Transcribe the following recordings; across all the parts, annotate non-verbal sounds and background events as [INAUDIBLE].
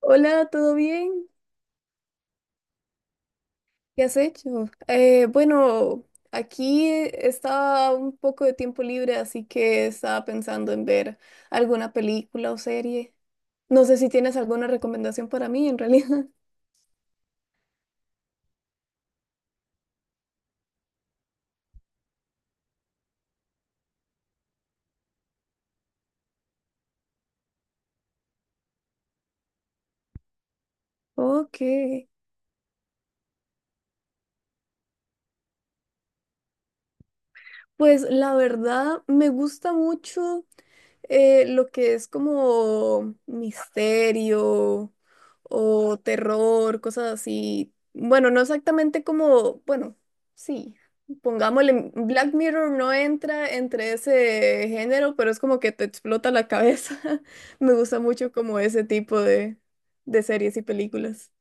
Hola, ¿todo bien? ¿Qué has hecho? Eh, bueno, aquí estaba un poco de tiempo libre, así que estaba pensando en ver alguna película o serie. No sé si tienes alguna recomendación para mí, en realidad. [LAUGHS] Ok, pues la verdad me gusta mucho. Lo que es como misterio o terror, cosas así. Bueno, no exactamente como, bueno, sí, pongámosle, Black Mirror no entra entre ese género, pero es como que te explota la cabeza. [LAUGHS] Me gusta mucho como ese tipo de series y películas.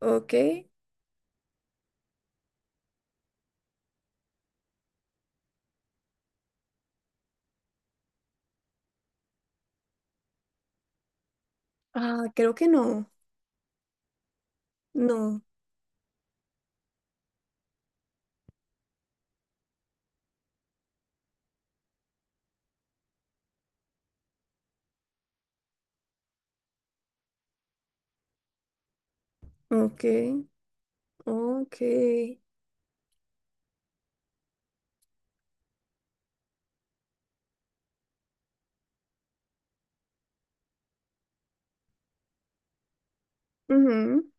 Ok. Ah, creo que no. No. Ok. Ok. Ujú.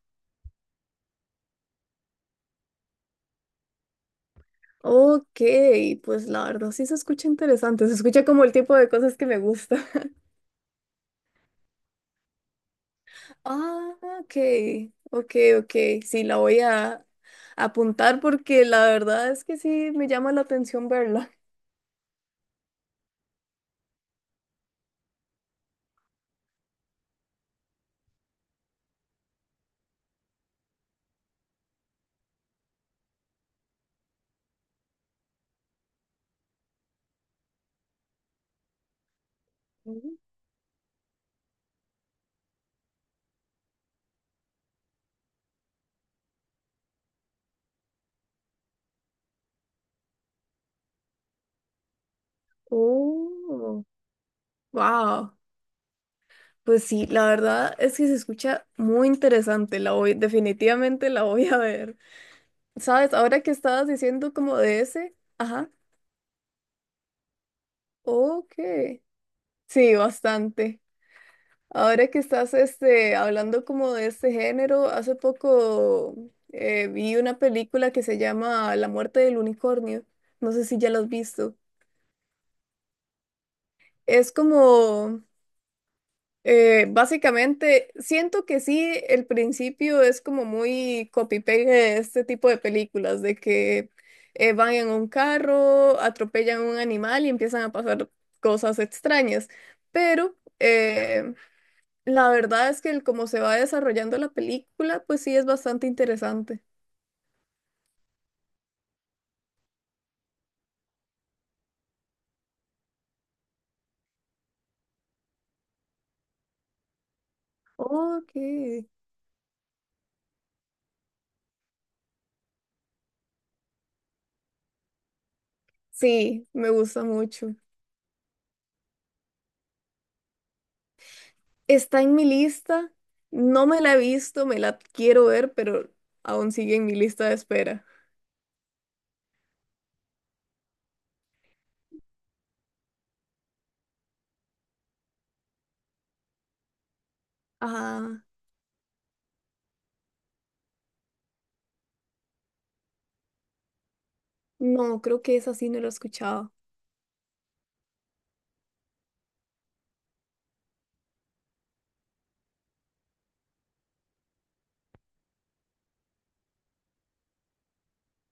Ok, pues la verdad sí se escucha interesante, se escucha como el tipo de cosas que me gusta. [LAUGHS] Ah, ok, ok, ok, sí, la voy a apuntar porque la verdad es que sí me llama la atención verla. Mm. Oh, wow. Pues sí, la verdad es que se escucha muy interesante, la voy, definitivamente la voy a ver. ¿Sabes? Ahora que estabas diciendo como de ese, ajá, ok, sí, bastante. Ahora que estás este, hablando como de este género, hace poco vi una película que se llama La muerte del unicornio. No sé si ya la has visto. Es como, básicamente, siento que sí, el principio es como muy copy-paste de este tipo de películas, de que van en un carro, atropellan a un animal y empiezan a pasar cosas extrañas. Pero la verdad es que el cómo se va desarrollando la película, pues sí es bastante interesante. Ok. Sí, me gusta mucho. Está en mi lista. No me la he visto, me la quiero ver, pero aún sigue en mi lista de espera. Ajá. No, creo que esa sí no la he escuchado.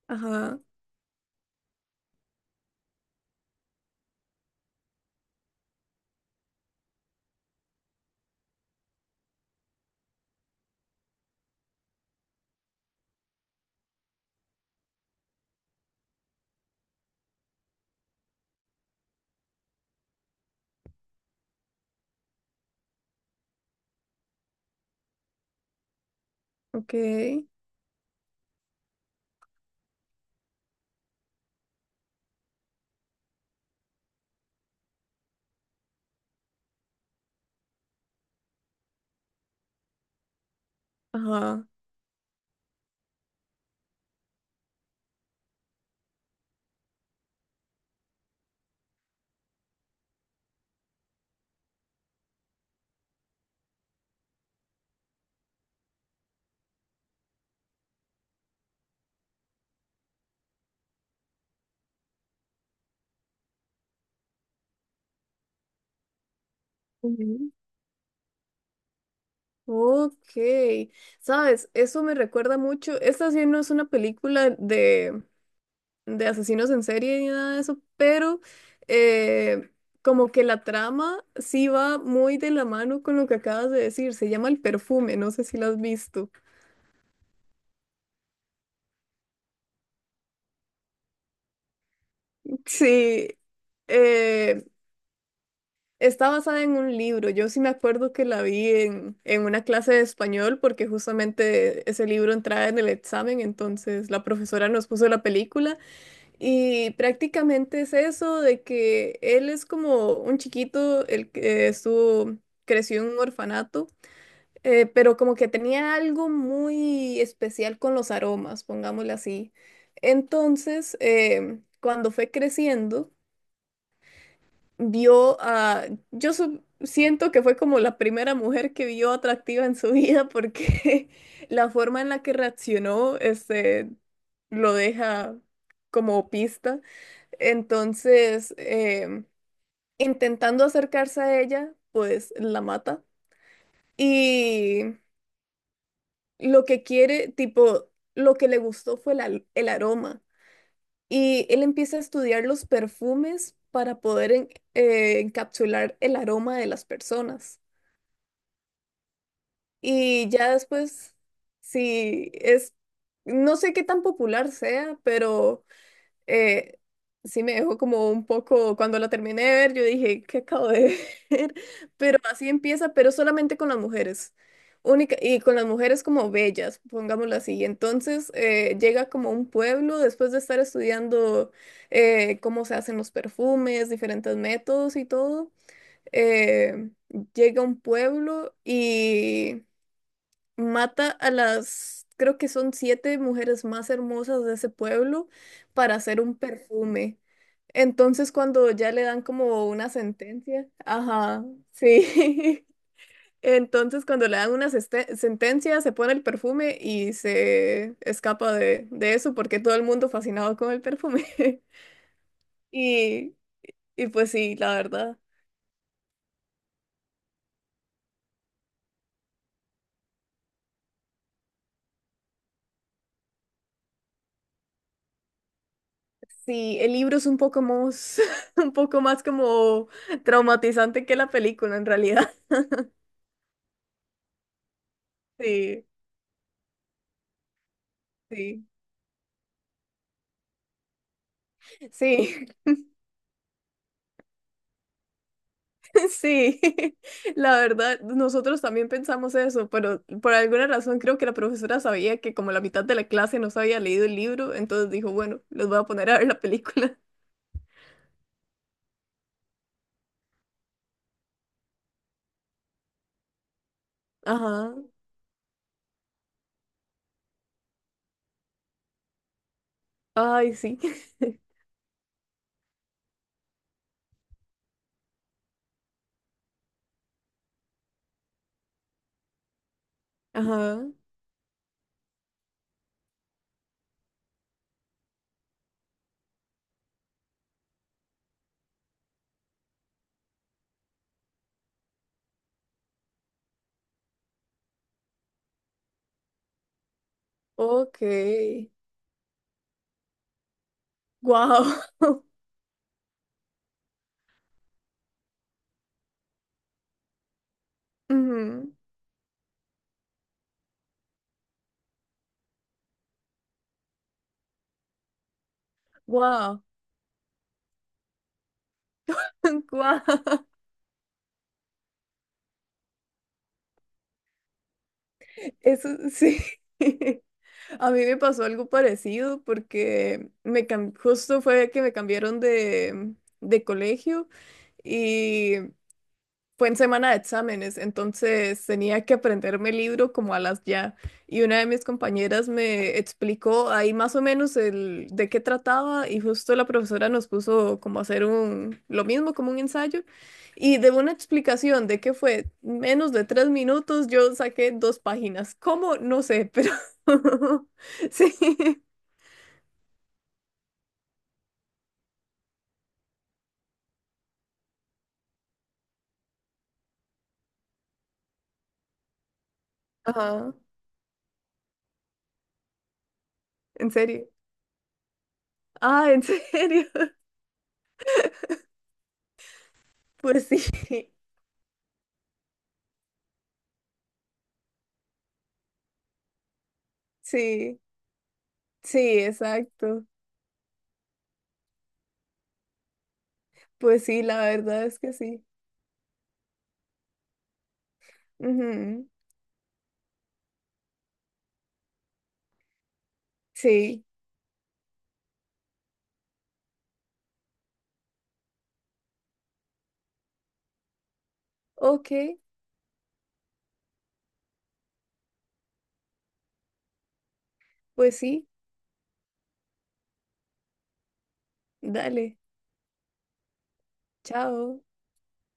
Ajá. Ok. Ajá. Ujú. Ok. ¿Sabes? Eso me recuerda mucho. Esta sí no es una película de asesinos en serie ni nada de eso, pero eh, como que la trama sí va muy de la mano con lo que acabas de decir. Se llama El Perfume, no sé si la has visto. Sí, eh, está basada en un libro. Yo sí me acuerdo que la vi en una clase de español porque justamente ese libro entraba en el examen, entonces la profesora nos puso la película. Y prácticamente es eso de que él es como un chiquito, el que estuvo, creció en un orfanato, pero como que tenía algo muy especial con los aromas, pongámosle así. Entonces, cuando fue creciendo, vio a, siento que fue como la primera mujer que vio atractiva en su vida porque [LAUGHS] la forma en la que reaccionó, este, lo deja como pista. Entonces, intentando acercarse a ella, pues la mata. Y lo que quiere, tipo, lo que le gustó fue el aroma. Y él empieza a estudiar los perfumes para poder encapsular el aroma de las personas. Y ya después, sí es, no sé qué tan popular sea, pero... eh, sí me dejó como un poco, cuando la terminé de ver, yo dije, ¿qué acabo de ver? [LAUGHS] Pero así empieza, pero solamente con las mujeres. Única, y con las mujeres como bellas, pongámoslo así. Entonces llega como a un pueblo después de estar estudiando cómo se hacen los perfumes, diferentes métodos y todo. eh, Llega a un pueblo, mata a las, creo que son 7 mujeres más hermosas de ese pueblo para hacer un perfume. Entonces cuando ya le dan como una sentencia, ajá, sí. [LAUGHS] Entonces cuando le dan una sentencia, se pone el perfume y se escapa de eso porque todo el mundo fascinado con el perfume. [LAUGHS] Y, y pues sí, la verdad. Sí, el libro es un poco más, [LAUGHS] un poco más como traumatizante que la película en realidad. [LAUGHS] Sí. Sí, sí, [LAUGHS] sí. [LAUGHS] La verdad, nosotros también pensamos eso, pero por alguna razón creo que la profesora sabía que como la mitad de la clase no se había leído el libro, entonces dijo, bueno, los voy a poner a ver la película. [LAUGHS] Ajá. Ay, sí. [LAUGHS] Ajá. Ok. Wow. [LAUGHS] Wow. [LAUGHS] Wow. Eso sí. [LAUGHS] A mí me pasó algo parecido porque justo fue que me cambiaron de colegio. Y fue en semana de exámenes, entonces tenía que aprenderme el libro como a las ya. Y una de mis compañeras me explicó ahí más o menos el de qué trataba y justo la profesora nos puso como a hacer un lo mismo como un ensayo y de una explicación de qué fue menos de 3 minutos yo saqué 2 páginas. ¿Cómo? No sé, pero [LAUGHS] sí. Ajá, en serio. Ah, en serio. [LAUGHS] Pues sí, sí, sí, exacto. Pues sí, la verdad es que sí. Ujú, sí. Ok, pues sí. Dale. Chao.